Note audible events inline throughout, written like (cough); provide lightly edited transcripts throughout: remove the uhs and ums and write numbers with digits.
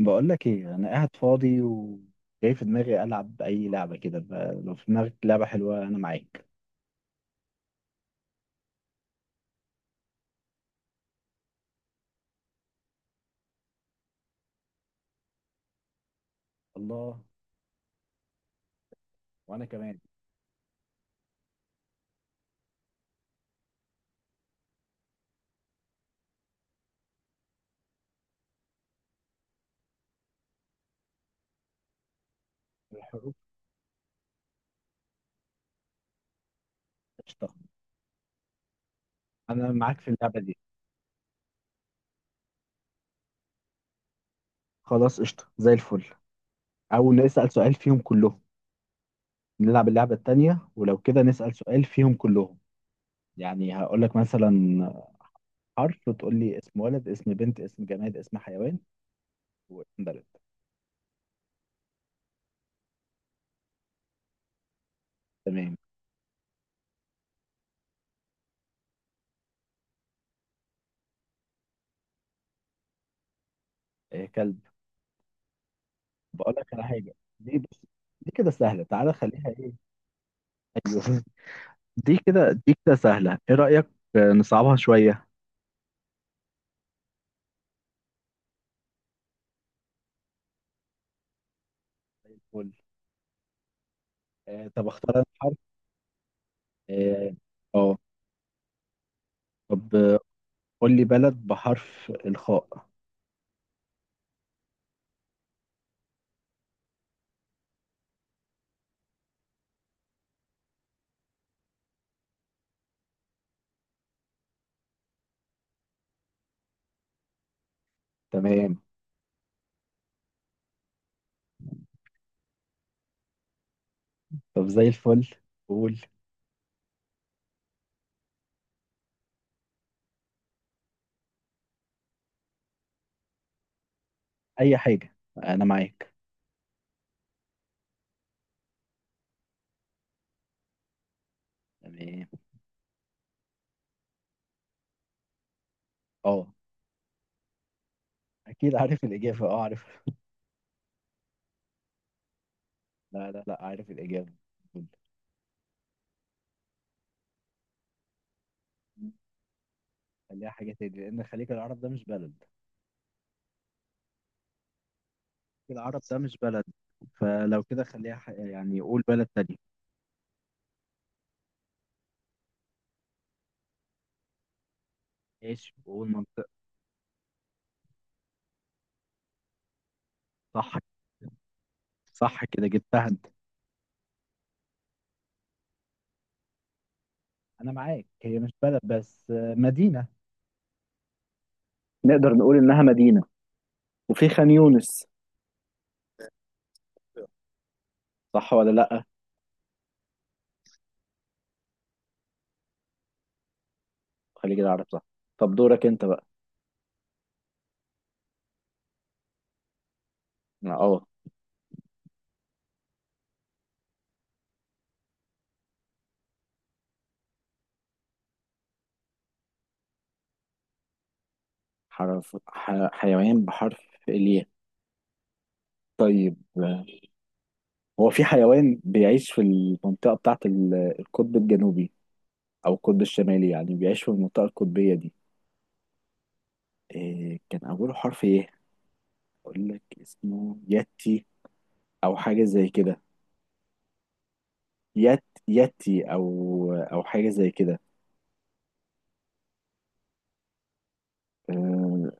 بقول لك ايه، انا قاعد فاضي وجاي في دماغي العب اي لعبه كده. لو في دماغك لعبه حلوه انا معاك. الله. وانا كمان. الحروف. قشطه. انا معاك في اللعبه دي. خلاص، قشطه زي الفل. او نسال سؤال فيهم كلهم. نلعب اللعبه التانيه، ولو كده نسال سؤال فيهم كلهم. يعني هقول لك مثلا حرف، وتقول لي اسم ولد، اسم بنت، اسم جماد، اسم حيوان، واسم بلد. تمام. إيه، كلب. بقول لك على حاجه. دي بص. دي كده سهله، تعالى خليها ايه. ايوه. دي كده. دي كده سهلة، ايه رأيك؟ نصعبها شوية. زي الفل. طب اختار انا حرف. اه. آه. طب، قول لي بلد بحرف الخاء. تمام. طب زي الفل. قول. اي حاجة، انا معاك. تمام. اه. اكيد عارف الإجابة، اه عارف. (laughs) لا، لا، لا، عارف الإجابة. قول. خليها حاجة تاني، لأن خليج العرب ده مش بلد. خليج العرب ده مش بلد. فلو كده خليها يعني قول بلد تاني. ماشي، وقول منطقة. صح. صح، كده جبتها انت. انا معاك، هي مش بلد بس مدينه. نقدر نقول إنها مدينة. وفي خان يونس. صح ولا لأ؟ خليج العرب صح. طب دورك أنت بقى. أه. حرف حيوان بحرف الياء. طيب، هو في حيوان بيعيش في المنطقة بتاعة القطب الجنوبي، أو القطب الشمالي، يعني بيعيش في المنطقة القطبية دي. إيه، كان أوله حرف إيه؟ أقول لك اسمه ياتي، أو حاجة زي كده. ياتي أو حاجة زي كده. آه،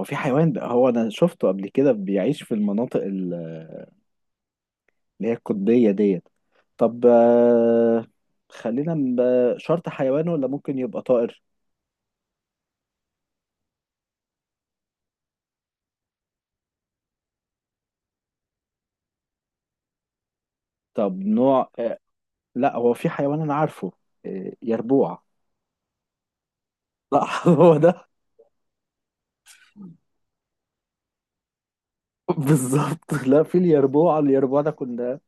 هو في حيوان ده، هو انا شفته قبل كده بيعيش في المناطق اللي هي القطبية ديت. طب، خلينا شرط حيوان ولا ممكن يبقى طائر؟ طب نوع لا، هو في حيوان انا عارفه. يربوع. لا. (laughs) هو ده. بالظبط، لا في اليربوع. اليربوع ده كنا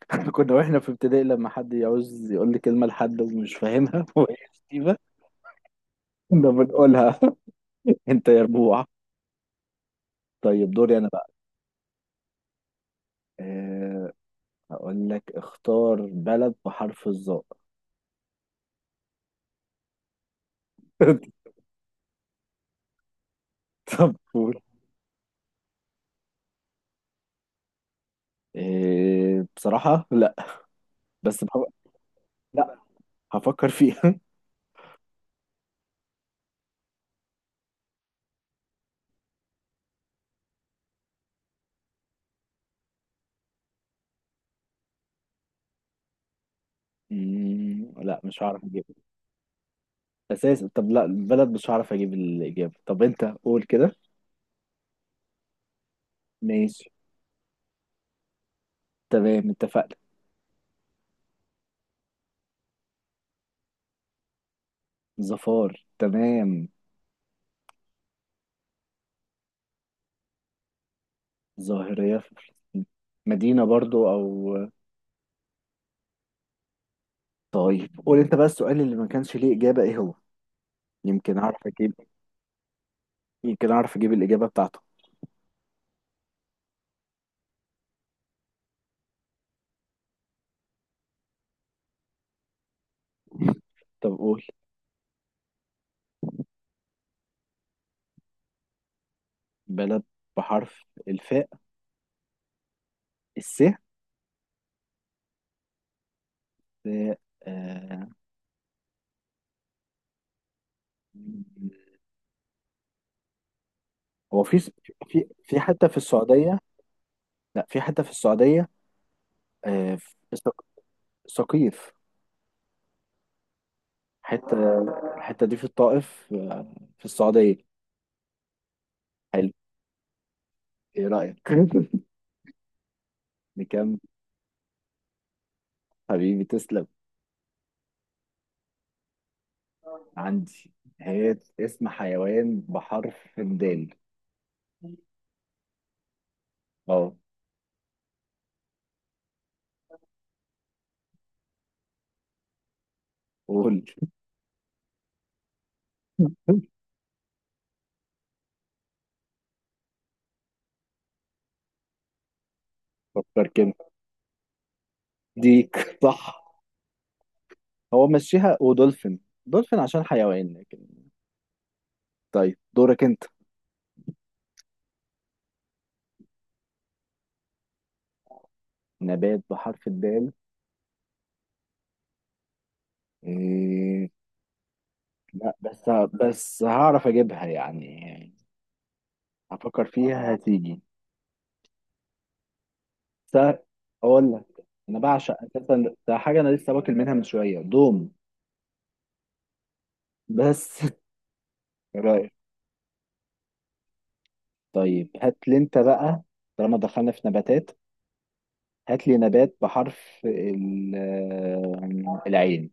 (laughs) كنا واحنا في ابتدائي، لما حد يعوز يقول لي كلمة لحد ومش فاهمها (laughs) وهي شتيمة. كنا بنقولها. (laughs) انت يربوع. طيب دوري انا بقى. آه، هقول لك اختار بلد بحرف الظاء. (laughs) طب قول. إيه، بصراحة لا. بس بحب. لا. هفكر فيها. (laughs) لا مش هعرف اجيب. اساسا. طب لا البلد مش هعرف اجيب الاجابة. طب انت قول كده. ماشي. تمام، اتفقنا. ظفار، تمام. ظاهرية في فلسطين. مدينة برضو، او. طيب قول انت بقى، السؤال اللي ما كانش ليه اجابة ايه هو؟ يمكن اعرف اجيب. يمكن اعرف اجيب الاجابة بتاعته. طب قول. بلد بحرف الفاء. السهل. آه، آه، هو في حته في السعوديه. لا، في حته في السعوديه. في سقيف. حته. الحته دي في الطائف، في السعوديه. حلو. ايه رايك؟ (laughs) بكام؟ حبيبي تسلم. عندي. هي اسم حيوان بحرف الدال. اه. قول. (laughs) فكر كده. ديك، صح. هو مشيها ودولفين. دولفين عشان حيوان لكن. طيب دورك انت. نبات بحرف الدال. إيه. لا بس. بس هعرف اجيبها يعني. هفكر فيها هتيجي. س- اقول لك. انا بعشق اساسا، ده حاجه انا لسه واكل منها من شويه، دوم. بس. (laughs) إيه رايك؟ طيب هات لي انت بقى. طالما دخلنا في نباتات، هات لي نبات بحرف العين.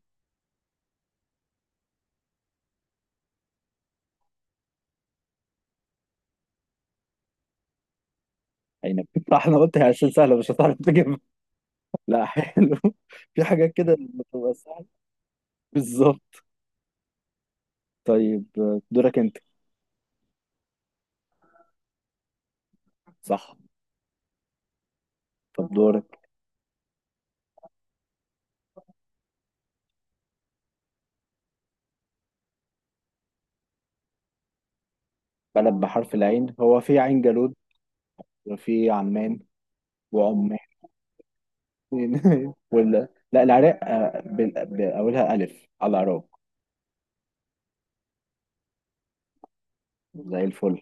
عنب. (laughs) احنا قلت هي عشان سهله مش هتعرف تجيبها. (laughs) لا، حلو. في حاجات كده بتبقى سهله. بالظبط. طيب دورك انت. صح. طب دورك. بلد بحرف العين، هو في عين جالوت. وفي عمان. وعمان. (laughs) ولا، لا، العراق، بأولها ألف على العراق. زي الفل.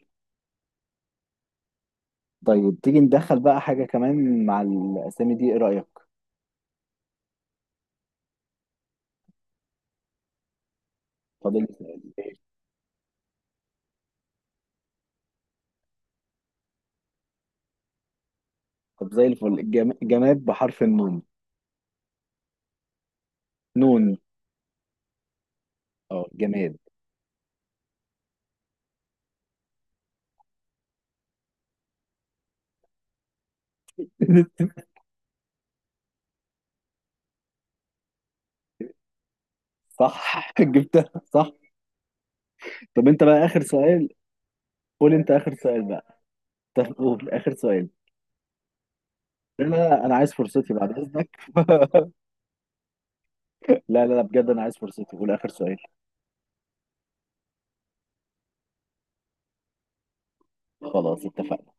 طيب تيجي ندخل بقى حاجة كمان مع الأسامي دي، إيه رأيك؟ فاضل. طب زي الفل، جماد بحرف النون. نون. اه، جماد. (laughs) صح. (laughs) جبتها صح. طب انت بقى آخر سؤال. قول انت آخر سؤال بقى. طب قول آخر سؤال. لا، لا، لا، انا عايز فرصتي بعد اذنك. (laughs) لا، لا، لا، بجد انا عايز فرصتي وده اخر سؤال. خلاص، اتفقنا.